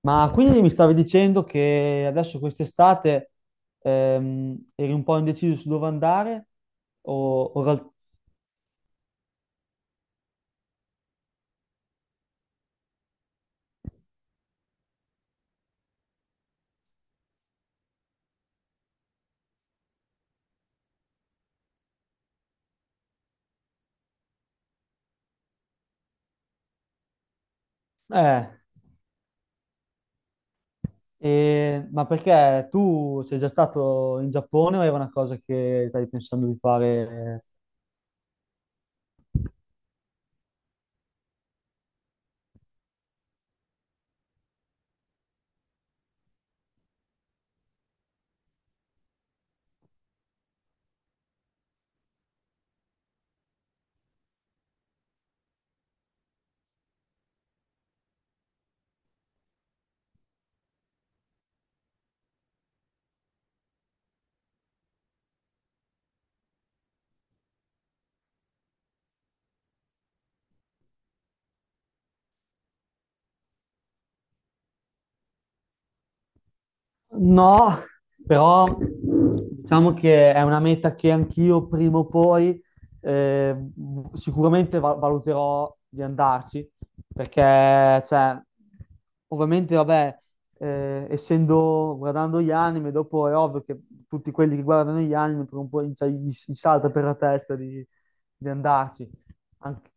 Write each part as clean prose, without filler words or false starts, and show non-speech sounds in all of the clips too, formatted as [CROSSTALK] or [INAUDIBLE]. Ma quindi mi stavi dicendo che adesso quest'estate eri un po' indeciso su dove andare? O, o ral- eh, ma perché tu sei già stato in Giappone o era una cosa che stavi pensando di fare? No, però diciamo che è una meta che anch'io prima o poi, eh, sicuramente valuterò di andarci, perché cioè, ovviamente, vabbè, essendo guardando gli anime, dopo è ovvio che tutti quelli che guardano gli anime per un po' cioè, gli salta per la testa di, andarci. Anche-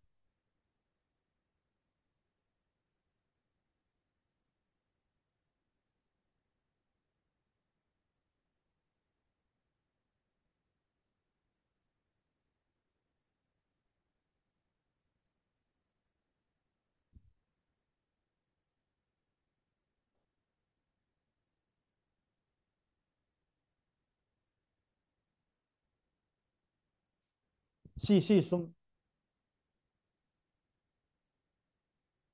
sì, sì,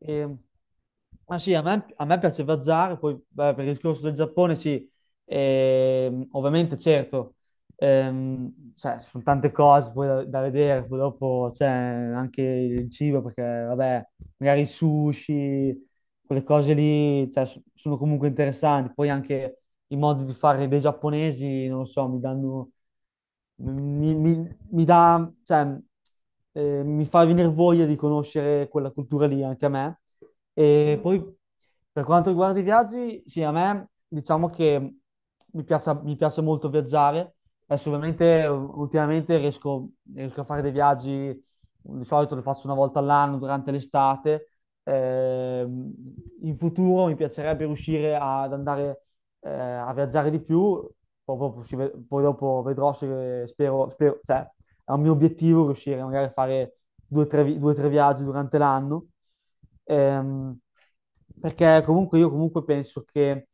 E- ah sì, a me piace viaggiare. Poi beh, per il discorso del Giappone sì, ovviamente certo, cioè, ci sono tante cose poi da vedere. Poi dopo c'è anche il cibo perché vabbè, magari sushi, quelle cose lì, cioè, sono comunque interessanti. Poi anche i modi di fare dei giapponesi, non lo so, mi dà, cioè, mi fa venire voglia di conoscere quella cultura lì anche a me. E poi per quanto riguarda i viaggi, sì, a me diciamo che mi piace molto viaggiare. Adesso ovviamente ultimamente riesco a fare dei viaggi, di solito le faccio una volta all'anno durante l'estate. In futuro mi piacerebbe riuscire ad andare, a viaggiare di più, proprio poi dopo vedrò se cioè, è un mio obiettivo riuscire magari a fare due o tre viaggi durante l'anno. Ehm, Perché comunque io comunque penso che,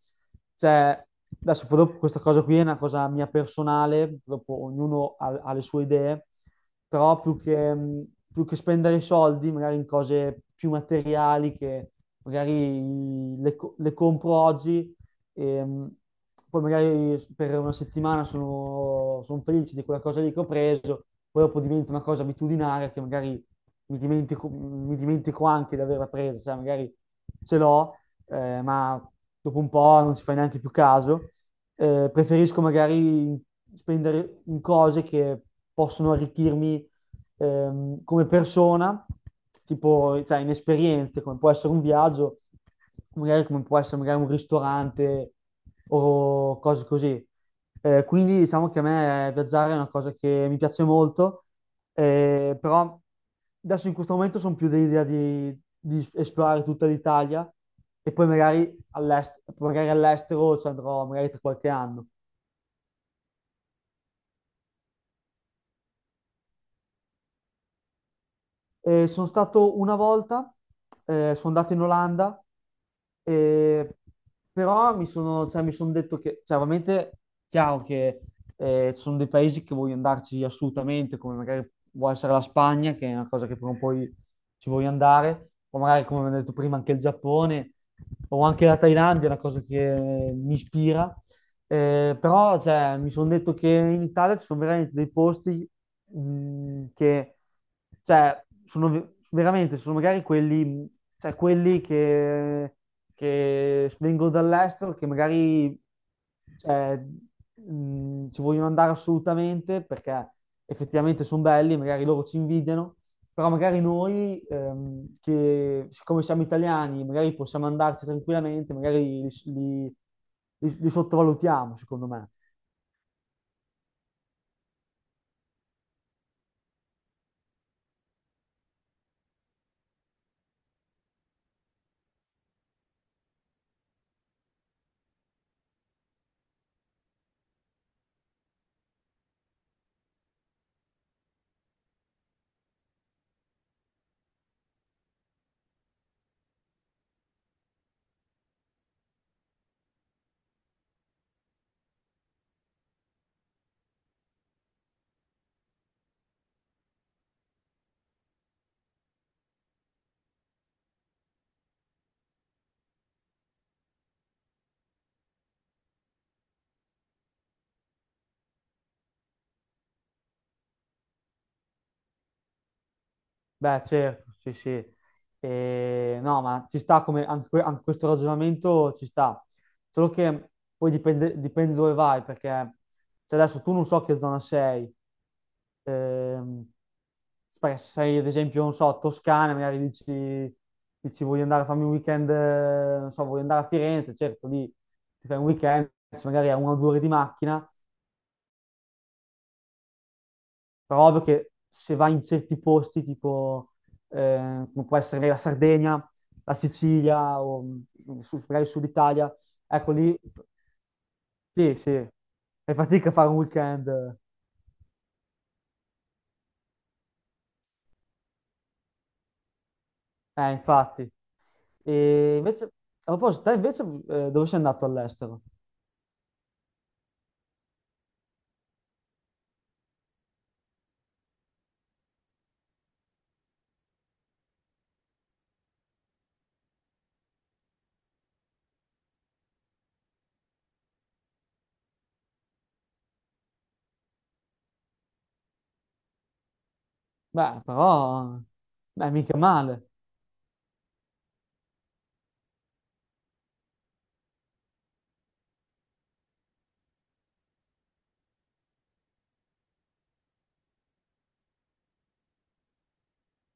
cioè, adesso poi dopo questa cosa qui è una cosa mia personale. Dopo ognuno ha le sue idee, però più che spendere i soldi magari in cose più materiali che magari le compro oggi e, poi magari per una settimana sono felice di quella cosa lì che ho preso, poi dopo diventa una cosa abitudinaria che magari mi dimentico anche di averla presa, sai, magari ce l'ho, ma dopo un po' non ci fai neanche più caso. Preferisco magari spendere in cose che possono arricchirmi, come persona, tipo cioè, in esperienze, come può essere un viaggio, magari come può essere magari un ristorante o cose così. Quindi diciamo che a me viaggiare è una cosa che mi piace molto, però adesso in questo momento sono più dell'idea di esplorare tutta l'Italia e poi magari magari all'estero ci andrò magari tra qualche anno. Sono stato una volta, sono andato in Olanda, eh, però cioè, mi sono detto che, cioè, ovviamente, chiaro che ci sono dei paesi che voglio andarci assolutamente, come magari può essere la Spagna, che è una cosa che prima o poi ci voglio andare, o magari, come ho detto prima, anche il Giappone, o anche la Thailandia, è una cosa che mi ispira, però cioè, mi sono detto che in Italia ci sono veramente dei posti, che cioè, sono veramente sono magari quelli, cioè, quelli che vengono dall'estero che magari cioè, ci vogliono andare assolutamente perché effettivamente sono belli, magari loro ci invidiano, però magari noi, che siccome siamo italiani, magari possiamo andarci tranquillamente, magari li- li sottovalutiamo, secondo me. Beh, certo, sì, sì. E, no, ma ci sta come anche, anche questo ragionamento ci sta. Solo che poi dipende dove vai, perché cioè adesso tu non so che zona sei. Ehm, Perché se sei ad esempio, non so, Toscana, magari dici voglio andare a farmi un weekend, non so, voglio andare a Firenze, certo, lì ti fai un weekend, magari a una o due ore di macchina. Però ovvio che se vai in certi posti, tipo come può essere la Sardegna, la Sicilia o magari il Sud Italia, ecco lì sì, sì, fai fatica a fare un weekend, infatti. E invece, a proposito, te invece dove sei andato all'estero? Beh, però, beh, mica male.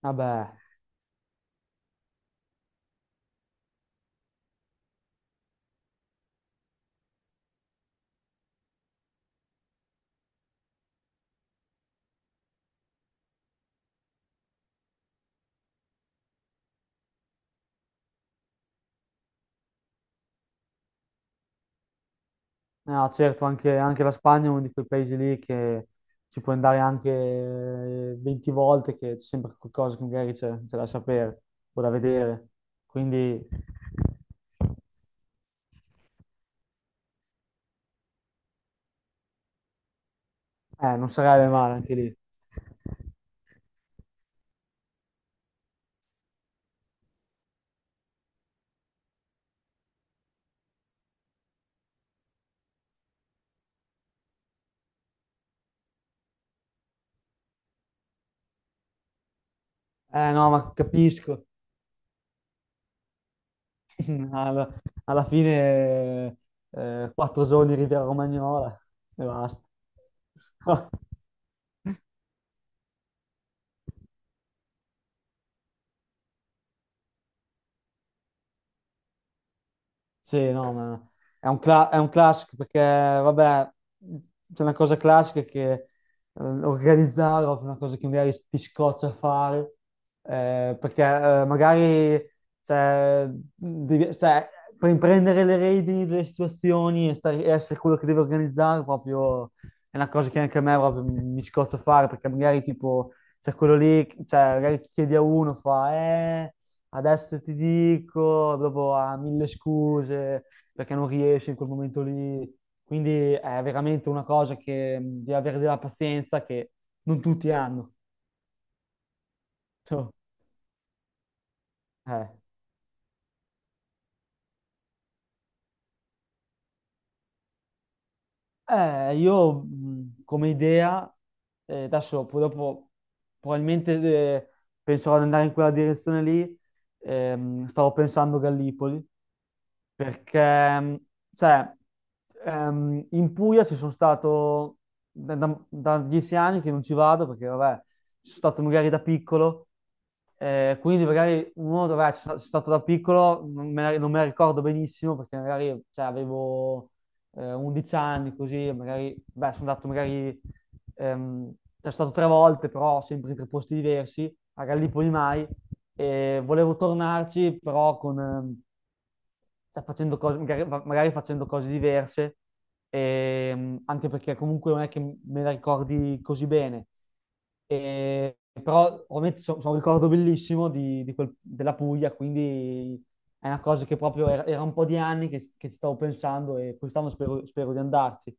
Vabbè. No, certo, anche la Spagna è uno di quei paesi lì che ci puoi andare anche 20 volte, che c'è sempre qualcosa che magari c'è da sapere o da vedere. Quindi non sarebbe male anche lì. Eh no, ma capisco. [LAUGHS] Alla, alla fine 4 giorni in Riviera Romagnola e basta. [LAUGHS] Sì, no, ma è un classico perché, vabbè, c'è una cosa classica che organizzare è proprio una cosa che magari ti scoccia a fare, perché magari cioè, cioè, per prendere le redini delle situazioni e essere quello che deve organizzare proprio è una cosa che anche a me proprio mi scoccia a fare, perché magari tipo c'è quello lì, cioè, magari chiedi a uno, fa. Adesso ti dico, dopo ha mille scuse perché non riesce in quel momento lì. Quindi è veramente una cosa che devi avere della pazienza che non tutti hanno. Cioè, eh. Io come idea, adesso poi dopo probabilmente penserò ad andare in quella direzione lì. Stavo pensando Gallipoli, perché, cioè, in Puglia ci sono stato da 10 anni che non ci vado perché, vabbè, ci sono stato magari da piccolo, quindi magari uno, vabbè, ci sono stato da piccolo, non me la ricordo benissimo perché magari, cioè, avevo 11 anni, così, magari, beh, sono andato magari, ehm, sono stato tre volte, però sempre in tre posti diversi, a Gallipoli mai, e volevo tornarci, però con, cioè, facendo cose, magari facendo cose diverse, anche perché comunque non è che me la ricordi così bene. Però ovviamente sono un ricordo bellissimo della Puglia, quindi è una cosa che proprio era un po' di anni che ci stavo pensando e quest'anno spero di andarci.